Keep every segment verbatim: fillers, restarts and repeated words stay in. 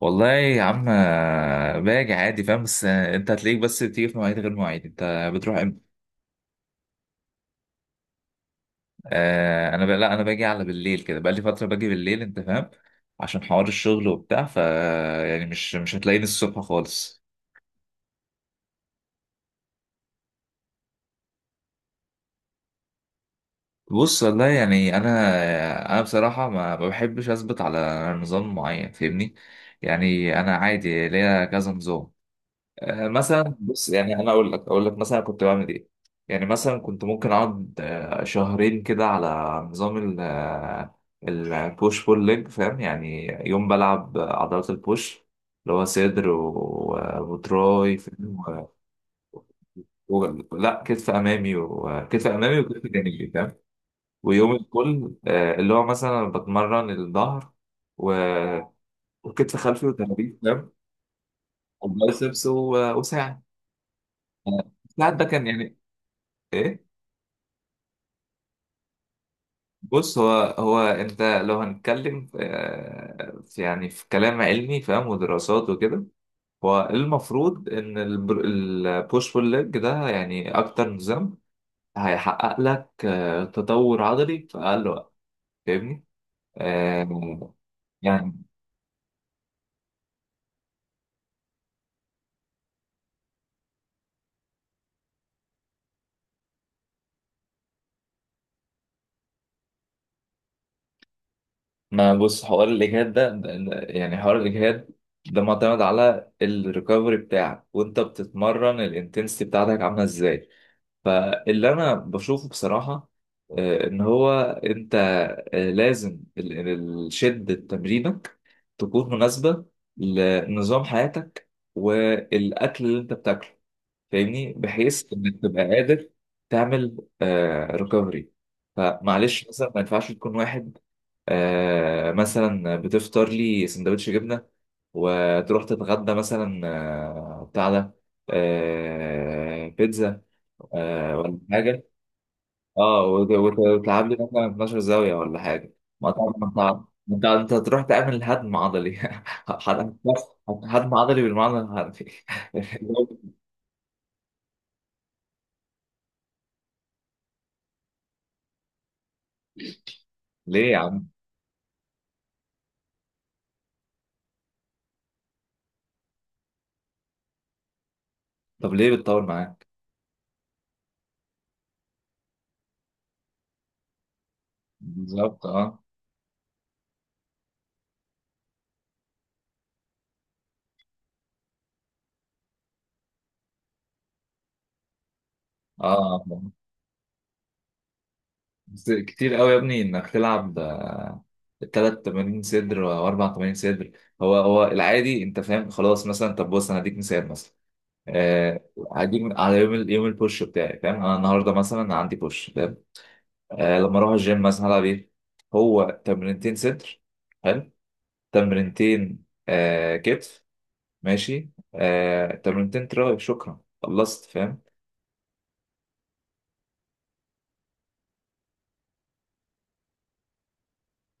والله يا عم، باجي عادي فاهم، بس آه، انت هتلاقيك بس بتيجي في مواعيد غير مواعيد. انت بتروح امتى؟ آه انا ب... لا انا باجي على بالليل كده، بقالي فتره باجي بالليل انت فاهم، عشان حوار الشغل وبتاع. ف يعني مش مش هتلاقيني الصبح خالص. بص والله، يعني انا آه، انا بصراحه ما ما بحبش اثبت على نظام معين فاهمني. يعني انا عادي ليا كذا نظام. آه، مثلا بص، يعني انا اقول لك اقول لك مثلا كنت بعمل ايه. يعني مثلا كنت ممكن اقعد آه، شهرين كده على نظام البوش بول ليج فاهم. يعني يوم بلعب عضلات البوش، اللي هو صدر و- آه، وتراي فاهم؟ و... و... لا كتف امامي وكتف امامي وكتف جانبي فاهم. ويوم الكل آه، اللي هو مثلا بتمرن الظهر و... وكتف خلفي وترابيز فاهم، وبايسبس و... وساعد. الساعد ده كان يعني ايه. بص، هو هو انت لو هنتكلم آه، في يعني في كلام علمي فاهم، ودراسات وكده. هو المفروض ان البوش بول ليج ده يعني اكتر نظام هيحقق لك آه، تطور عضلي في اقل وقت فاهمني. آه، يعني ما بص، حوار الاجهاد ده ده- ده- يعني حوار الاجهاد ده معتمد على الريكفري بتاعك، وانت بتتمرن الانتنسيتي بتاعتك عامله ازاي. فاللي انا بشوفه بصراحه آه، ان هو انت آه، لازم ال- ال- شده تمرينك تكون مناسبه لنظام حياتك والاكل اللي انت بتاكله فاهمني، بحيث انك تبقى قادر تعمل ريكفري. فمعلش مثلا ما ينفعش تكون واحد آه، مثلا بتفطر لي سندوتش جبنه، وتروح تتغدى مثلا آه، بتاع ده، آه، بيتزا آه، ولا حاجه. اه، وت- وت- وتلعب لي مثلا اتناشر زاويه ولا حاجه. ما طبعا انت انت انت هتروح تعمل هدم عضلي. هد- هدم عضلي بالمعنى الحرفي. ليه يا عم؟ طب ليه بتطول معاه؟ بالظبط، اه اه. بس كتير قوي يا ابني انك تلعب ثلاث تمارين صدر واربع تمارين صدر. هو هو العادي انت فاهم خلاص. مثلا طب بص، انا هديك مثال. مثلا آه هديك على يوم ال- يوم البوش بتاعي فاهم. انا النهارده مثلا عندي بوش، آه لما اروح الجيم مثلا هلعب ايه. هو تمرينتين صدر، حلو، تمرينتين آه كتف، ماشي، آه تمرينتين تراي، شكرا خلصت فاهم.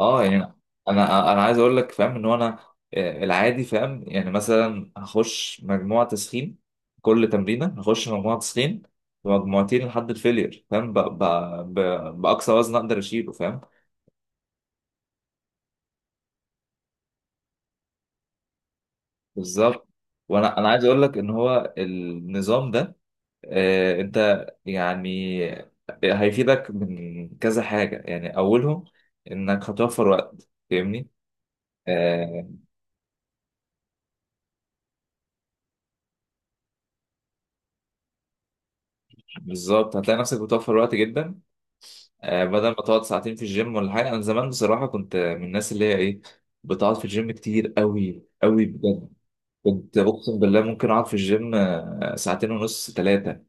اه يعني انا انا أنا عايز اقول لك فاهم ان هو انا آه، العادي فاهم. يعني مثلا هخش مجموعه تسخين كل تمرينه، هخش مجموعه تسخين ومجموعتين لحد الفيلير فاهم، ب... ب... ب... باقصى وزن اقدر اشيله فاهم. بالظبط. وانا انا عايز اقول لك ان هو النظام ده آه، انت يعني هيفيدك من كذا حاجة. يعني اولهم انك هتوفر وقت فاهمني. آه بالظبط، هتلاقي نفسك بتوفر وقت جدا. آه بدل ما تقعد ساعتين في الجيم ولا حاجة. انا زمان بصراحة كنت من الناس اللي هي ايه، بتقعد في الجيم كتير قوي قوي بجد. كنت اقسم بالله ممكن اقعد في الجيم آه، ساعتين ونص ثلاثة.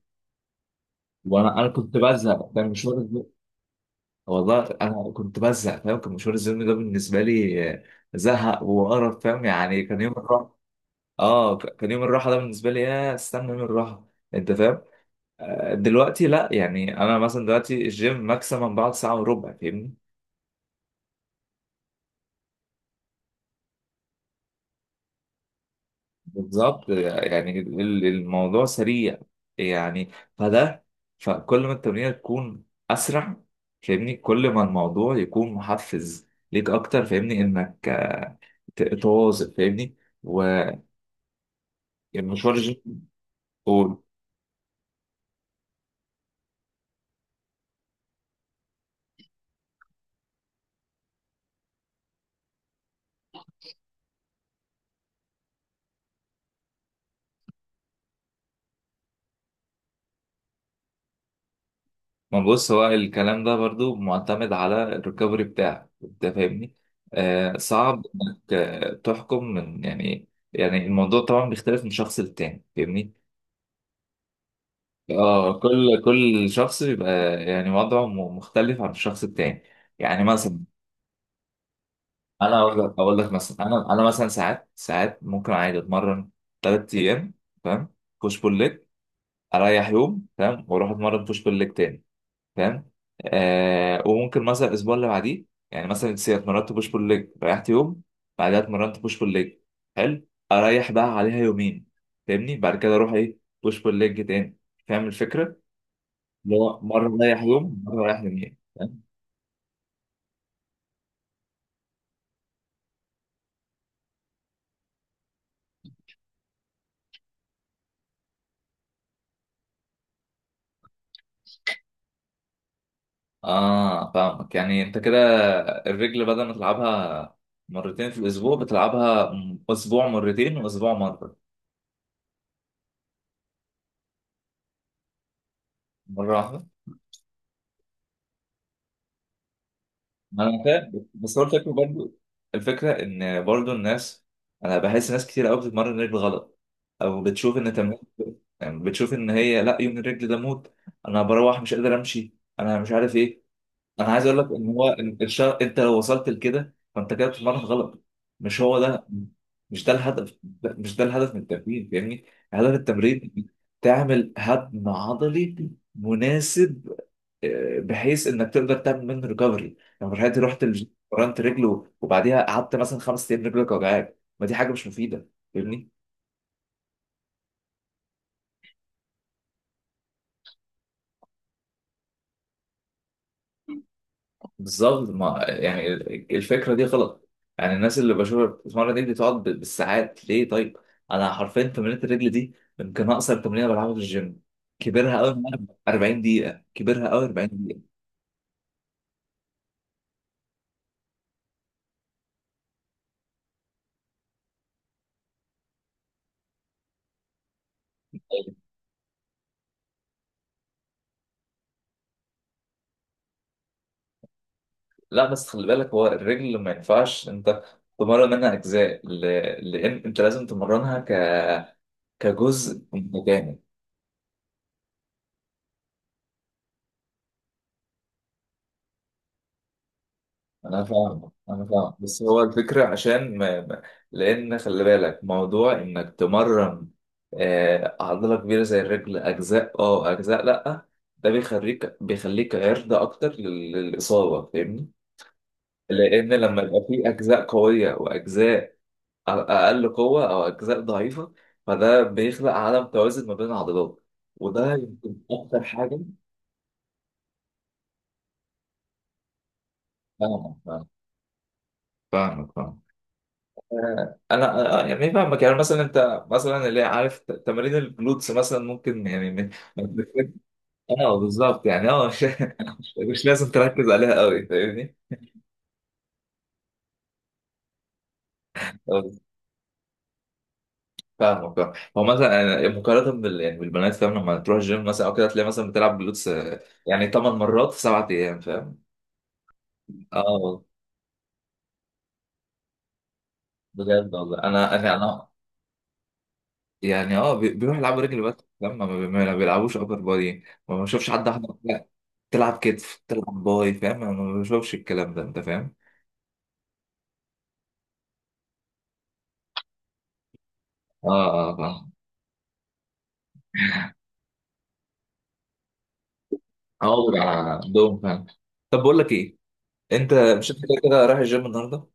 وانا انا كنت بزهق كان مش واخد. والله انا كنت بزهق فاهم، كان مشوار الزلم ده بالنسبه لي آه، زهق وقرف فاهم، يعني كان يوم الراحه. اه ك- كان يوم الراحه ده بالنسبه لي يا استنى يوم الراحه انت فاهم. آه، دلوقتي لا، يعني انا مثلا دلوقتي الجيم ماكسيمم بعد ساعه وربع فاهمني. بالظبط. آه، يعني ال- الموضوع سريع يعني، فده، فكل ما التمرين تكون اسرع فاهمني، كل ما الموضوع يكون محفز ليك اكتر فاهمني، انك آه، ت- تواظب فاهمني و- المشوار الجيم. قول. ما بص، هو الكلام ده برضو معتمد على الريكفري بتاعك انت فاهمني. آه صعب انك آه، تحكم من يعني، يعني الموضوع طبعا بيختلف من شخص للتاني فاهمني. اه، كل كل شخص بيبقى يعني وضعه م- مختلف عن الشخص التاني يعني. مثلا انا اقول لك اقول لك مثلا، انا انا مثلا ساعات ساعات ممكن عادي اتمرن ثلاث ايام فاهم، بوش بول ليج، اريح يوم فاهم، واروح اتمرن بوش بول ليج تاني فاهم. آه وممكن مثلا الاسبوع اللي بعديه، يعني مثلا انت اتمرنت بوش بول ليج، ريحت يوم، بعدها اتمرنت بوش بول ليج، حلو، اريح بقى عليها يومين فاهمني. بعد كده اروح ايه؟ بوش بول ليج تاني فاهم الفكره، اللي هو مره رايح يوم مره رايح يومين فاهم. اه فاهمك، يعني انت كده الرجل بدل ما تلعبها مرتين في الاسبوع بتلعبها م- اسبوع مرتين واسبوع مره. مره واحده. ما انا فاهم، بس هو الفكره برضو، الفكره ان برضو الناس، انا بحس ناس كتير قوي بتتمرن رجل غلط، او بتشوف ان تمرين يعني، بتشوف ان هي لا، يوم الرجل ده موت، انا بروح مش قادر امشي، انا مش عارف ايه. انا عايز اقول لك ان هو إن الشر... انت لو وصلت لكده فانت كده بتتمرن غلط. مش هو ده، مش ده الهدف، ده- مش ده الهدف من التمرين فاهمني. هدف التمرين تعمل هدم عضلي مناسب بحيث انك تقدر تعمل منه ريكفري. لو رحت رحت الجيم ورمت رجله وبعديها قعدت مثلا خمس ايام رجلك وجعاك، ما دي حاجه مش مفيده فاهمني. بالظبط. ما يعني الفكره دي غلط. يعني الناس اللي بشوفها بتتمرن رجلي تقعد بالساعات، ليه طيب. انا حرفيا تمرينة الرجل دي يمكن اقصر تمرينه بلعبها في الجيم، كبرها قوي اربعين دقيقه، كبرها قوي اربعين دقيقه. لا بس خلي بالك، هو الرجل ما ينفعش انت تمرن منها اجزاء، لان انت لازم تمرنها كجزء متجانس. انا فاهم انا فاهم، بس هو الفكره عشان ما... ما- لان خلي بالك موضوع انك تمرن آه، عضله كبيره زي الرجل اجزاء. اه اجزاء، لا، ده بيخليك بيخليك عرضه اكتر لل- للاصابه فاهمني. لان لما يبقى في اجزاء قويه واجزاء أ- اقل قوه او اجزاء ضعيفه، فده بيخلق عدم توازن ما بين العضلات، وده يمكن اكتر حاجه. فاهمك فاهمك فاهمك فاهمك. انا آه، آه، يعني فاهمك. يعني مثلا انت مثلا اللي عارف ت- تمارين الجلوتس مثلا ممكن يعني من- اه بالظبط، يعني اه مش مش لازم تركز عليها قوي فاهمني. آه، فاهمك فاهم. هو مثلا أنا مقارنه بال يعني بالبنات فاهم، لما تروح الجيم مثلا او كده تلاقي مثلا بتلعب جلوتس آه، يعني تمن مرات في سبعة ايام فاهم. اه بجد والله انا انا يعني، اه بي- بيروح يلعبوا رجل بس، لما ما بي- ما بيلعبوش ابر بادي، ما بشوفش حد احمر لا، تلعب كتف تلعب باي فاهم. انا ما بشوفش الكلام ده انت فاهم. اه اه آه، فاهم. اه بيبقى عندهم فاهم. طب بقول لك ايه، انت مش انت كده كده رايح الجيم النهارده؟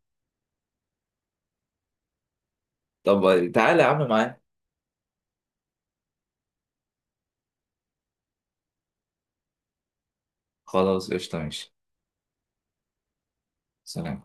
طب تعالى يا عم معايا. خلاص قشطه ماشي. سلام.